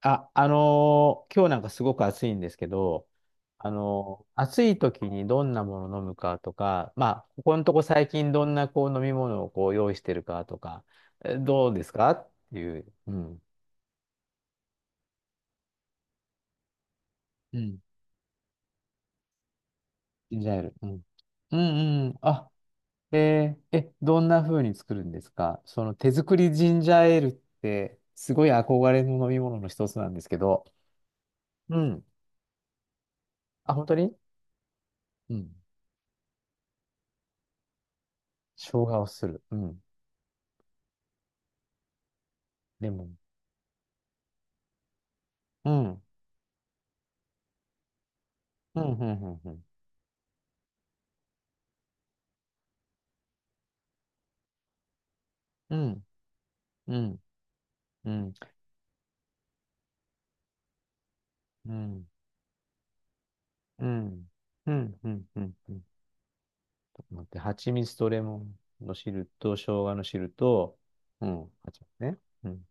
あ、今日なんかすごく暑いんですけど、暑い時にどんなものを飲むかとか、まあ、ここのとこ最近どんなこう飲み物をこう用意してるかとか、どうですかっていう、うん。うん。ジンジャーエール。うん。うんうん。あ、えーえ、どんな風に作るんですかその手作りジンジャーエールって、すごい憧れの飲み物の一つなんですけど、うん。あ、本当に。うん。生姜をする。うん。レモン。うん、うん、うん、うん、うん、うん、うん、うん、うん、うん、うん、うん、うん、ちょっと待って、蜂蜜とレモンの汁と、生姜の汁と、うん、蜂蜜ね。うん、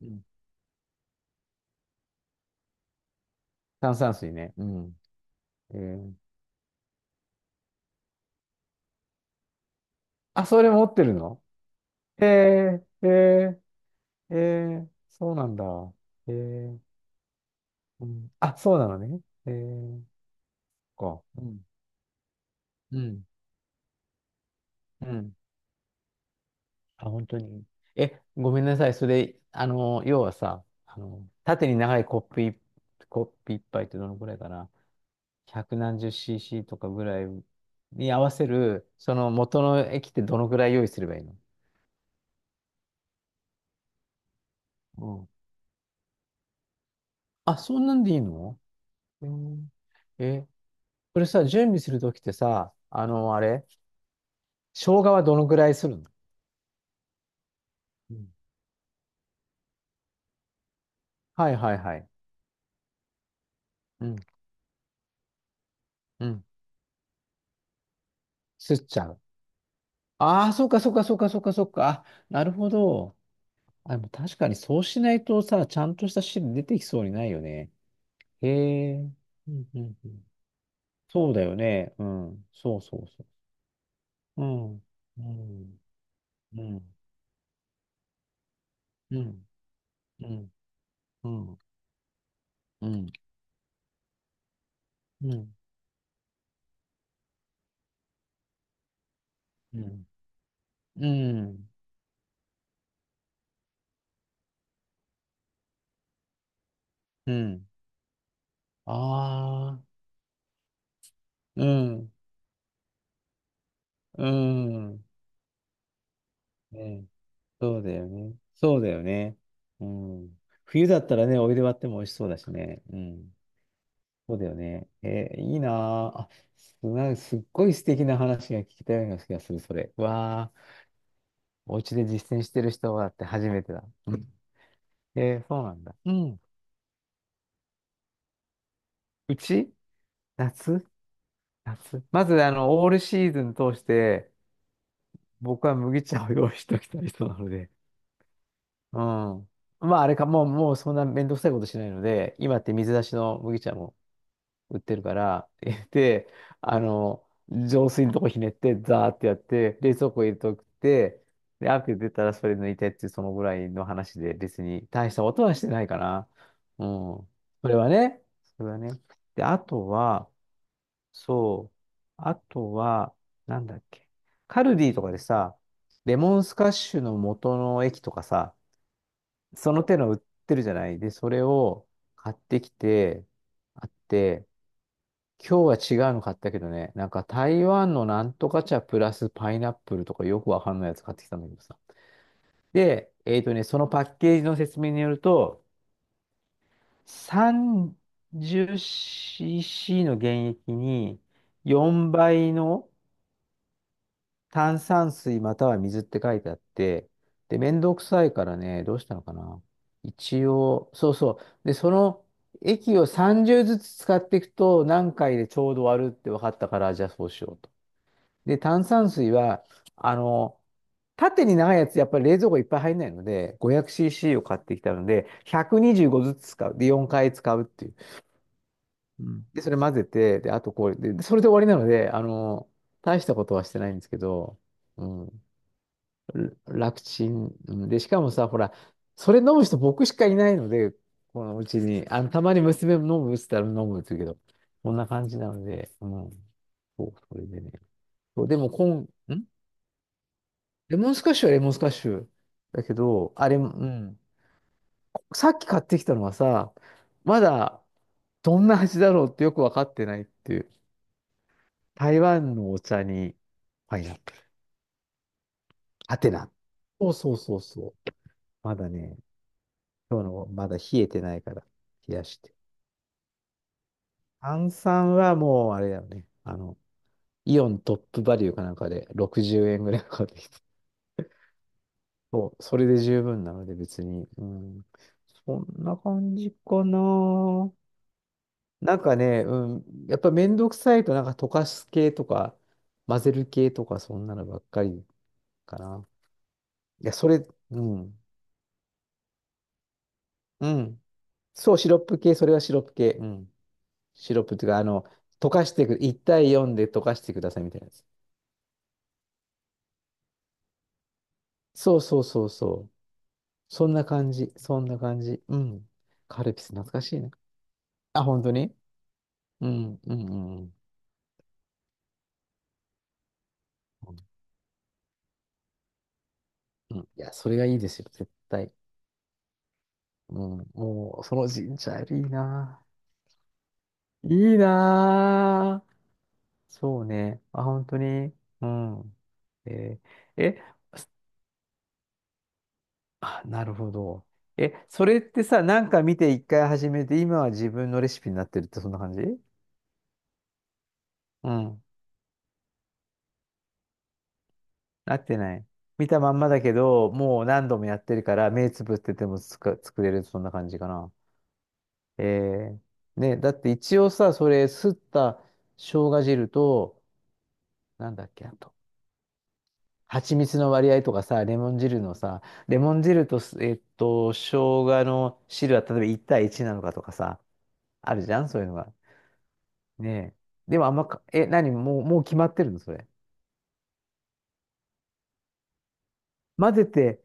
うん。炭酸水ね。うん。えー、あ、それ持ってるの？えー、えー、えー、そうなんだ。えー、うん、あ、そうなのね。えー、か。うん、うん、うん、あ、本当に。え、ごめんなさい。それ、あの、要はさ、あの、縦に長いコップい、コップ一杯ってどのくらいかな。百何十cc とかぐらいに合わせる、その元の液ってどのくらい用意すればいいの？うん。あ、そんなんでいいの？うん。え、これさ、準備するときってさ、あの、あれ、生姜はどのくらいするの？うん。はいはいはい。うん、うん。すっちゃう。ああ、そうかそうかそうかそうかそうか。あ、なるほど。あ、でも確かにそうしないとさ、ちゃんとした汁出てきそうにないよね。へえ。うんうんうん。そうだよね。うん。そうそうそう。うん。うん。うん。うん。うん。うん。うん。うん。うん。うん。うん。ああ。うん。うん。ね。そうだよね。そうだよね。うん。冬だったらね、お湯で割っても美味しそうだしね。うん。そうだよね。えーいいなあ。あ、なんかすっごい素敵な話が聞けたような気がする、それ。わあ、お家で実践してる人はって初めてだ。うん。えーそうなんだ。うん。うち夏夏まず、あの、オールシーズン通して、僕は麦茶を用意しておきたい人なので。うん。まあ、あれか、もうそんなめんどくさいことしないので、今って水出しの麦茶も売ってるから、で、あの、浄水のとこひねって、ザーってやって、冷蔵庫入れとくって、で、アク出たらそれ抜いてっていう、そのぐらいの話で、別に大したことはしてないかな。うん。それはね、それはね。で、あとは、そう、あとは、なんだっけ、カルディとかでさ、レモンスカッシュの元の液とかさ、その手の売ってるじゃない。で、それを買ってきて、あって、今日は違うの買ったけどね、なんか台湾のなんとか茶プラスパイナップルとかよくわかんないやつ買ってきたんだけどさ。で、そのパッケージの説明によると、30cc の原液に4倍の炭酸水または水って書いてあって、で、めんどくさいからね、どうしたのかな。一応、そうそう。で、その液を30ずつ使っていくと何回でちょうど割るって分かったから、じゃあそうしようと。で、炭酸水は、あの、縦に長いやつ、やっぱり冷蔵庫いっぱい入んないので、500cc を買ってきたので、125ずつ使う。で、4回使うっていう。うん。で、それ混ぜて、で、あとこれでそれで終わりなので、あの、大したことはしてないんですけど、うん、楽ちん。うんで、しかもさ、ほら、それ飲む人僕しかいないので、このうちに、あの、たまに娘も飲むって言ったら飲むって言うけど、こんな感じなので、うん、そう、それでね。そう、でも、こん、んレモンスカッシュはレモンスカッシュだけど、あれ、うん。さっき買ってきたのはさ、まだどんな味だろうってよくわかってないっていう。台湾のお茶にパイナップル。アテナ。そうそうそうそう。まだね、今日のまだ冷えてないから冷やして。炭酸はもうあれだよね。あの、イオントップバリューかなんかで60円ぐらいかかってきた。そう、それで十分なので別に。うん。そんな感じかな。なんかね、うん、やっぱめんどくさいと、なんか溶かす系とか、混ぜる系とか、そんなのばっかりかな。いや、それ、うん、うん。そう、シロップ系、それはシロップ系。うん。シロップっていうか、あの、溶かしてく、1対4で溶かしてくださいみたいなやつ。そうそうそうそう。そんな感じ、そんな感じ。うん。カルピス懐かしいな。あ、本当に。うん、うん、うん。うん、うん。いや、それがいいですよ、絶対。うん、もう、そのジンジャーエールいいな。いいなぁ。そうね。あ、本当に。うん。えー、え、あ、なるほど。え、それってさ、なんか見て一回始めて、今は自分のレシピになってるってそんな感じ？うん。なってない。見たまんまだけど、もう何度もやってるから、目つぶっててもつか作れる、そんな感じかな。えー、ね、だって一応さ、それ、すった生姜汁と、なんだっけ、あと蜂蜜の割合とかさ、レモン汁のさ、レモン汁とす、えっと、生姜の汁は例えば1対1なのかとかさ、あるじゃん、そういうのが。ねえ。でもあんまか、え、何、もう決まってるの、それ？混ぜて、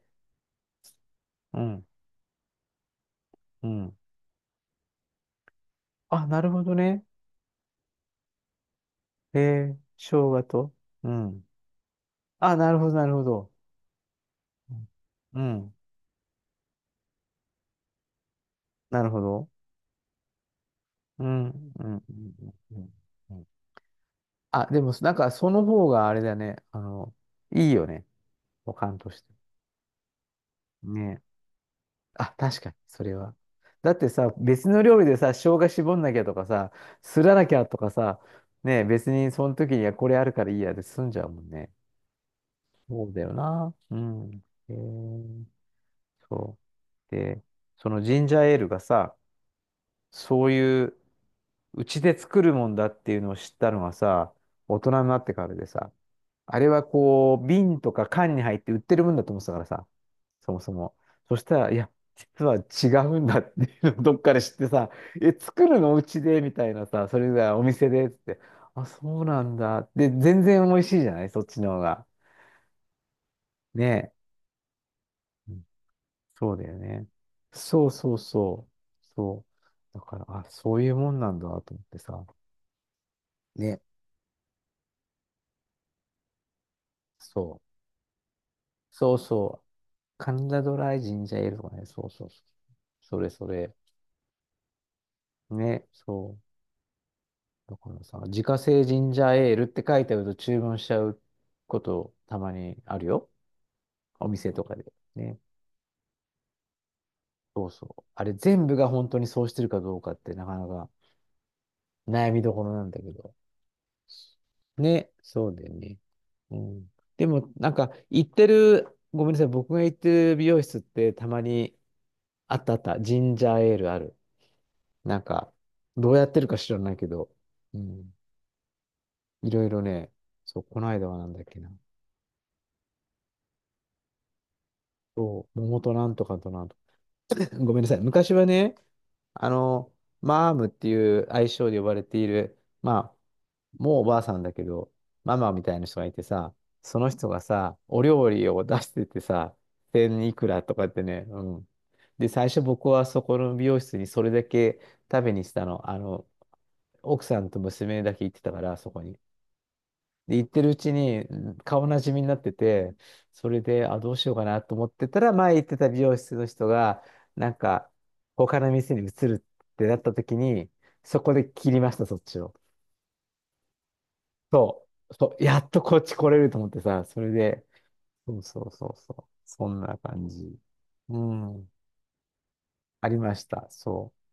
うん、うん。あ、なるほどね。えー、生姜と。うん。あ、なるほど。うん、うん。なるほど。うん、うん、うん、うん。うん。あ、でも、なんか、その方があれだね。あの、いいよね。保管として。ねえ。あ、確かに、それは。だってさ、別の料理でさ、生姜絞んなきゃとかさ、すらなきゃとかさ、ねえ、別にその時にはこれあるからいいやで済んじゃうもんね。そうだよな。うん。へえ。そう。で、そのジンジャーエールがさ、そういう、うちで作るもんだっていうのを知ったのはさ、大人になってからでさ、あれはこう、瓶とか缶に入って売ってるもんだと思ってたからさ、そもそも。そしたら、いや、実は違うんだっていうのをどっかで知ってさ、え、作るのうちでみたいなさ、それがお店でっつって、あ、そうなんだ。で、全然美味しいじゃないそっちの方が。ねえ。うん、そうだよね。そうそうそう。そう。だから、あ、そういうもんなんだと思ってさ。ね。そう。そうそう。カンダドライジンジャーエールとかね。そうそうそう。それそれ。ね、そう。だからさ、自家製ジンジャーエールって書いてあると注文しちゃうことたまにあるよ。お店とかで。ね。そうそう。あれ全部が本当にそうしてるかどうかってなかなか悩みどころなんだけど。ね、そうだよね。うん。でも、なんか、行ってる、ごめんなさい、僕が行ってる美容室ってたまにあったあった、ジンジャーエールある。なんか、どうやってるか知らないけど、うん。いろいろね、そう、この間はなんだっけな。そう、桃となんとかとなんとか。ごめんなさい。昔はね、あの、マームっていう愛称で呼ばれている、まあ、もうおばあさんだけど、ママみたいな人がいてさ、その人がさ、お料理を出しててさ、千いくらとかってね、うん。で、最初僕はそこの美容室にそれだけ食べにしたの。あの、奥さんと娘だけ行ってたから、そこに。で、行ってるうちにうん顔なじみになってて、それで、あ、どうしようかなと思ってたら、前行ってた美容室の人が、なんか、他の店に移るってなった時に、そこで切りました、そっちを。そう、そう、やっとこっち来れると思ってさ、それで、そうそうそうそう、そんな感じ。うん、ありました、そう。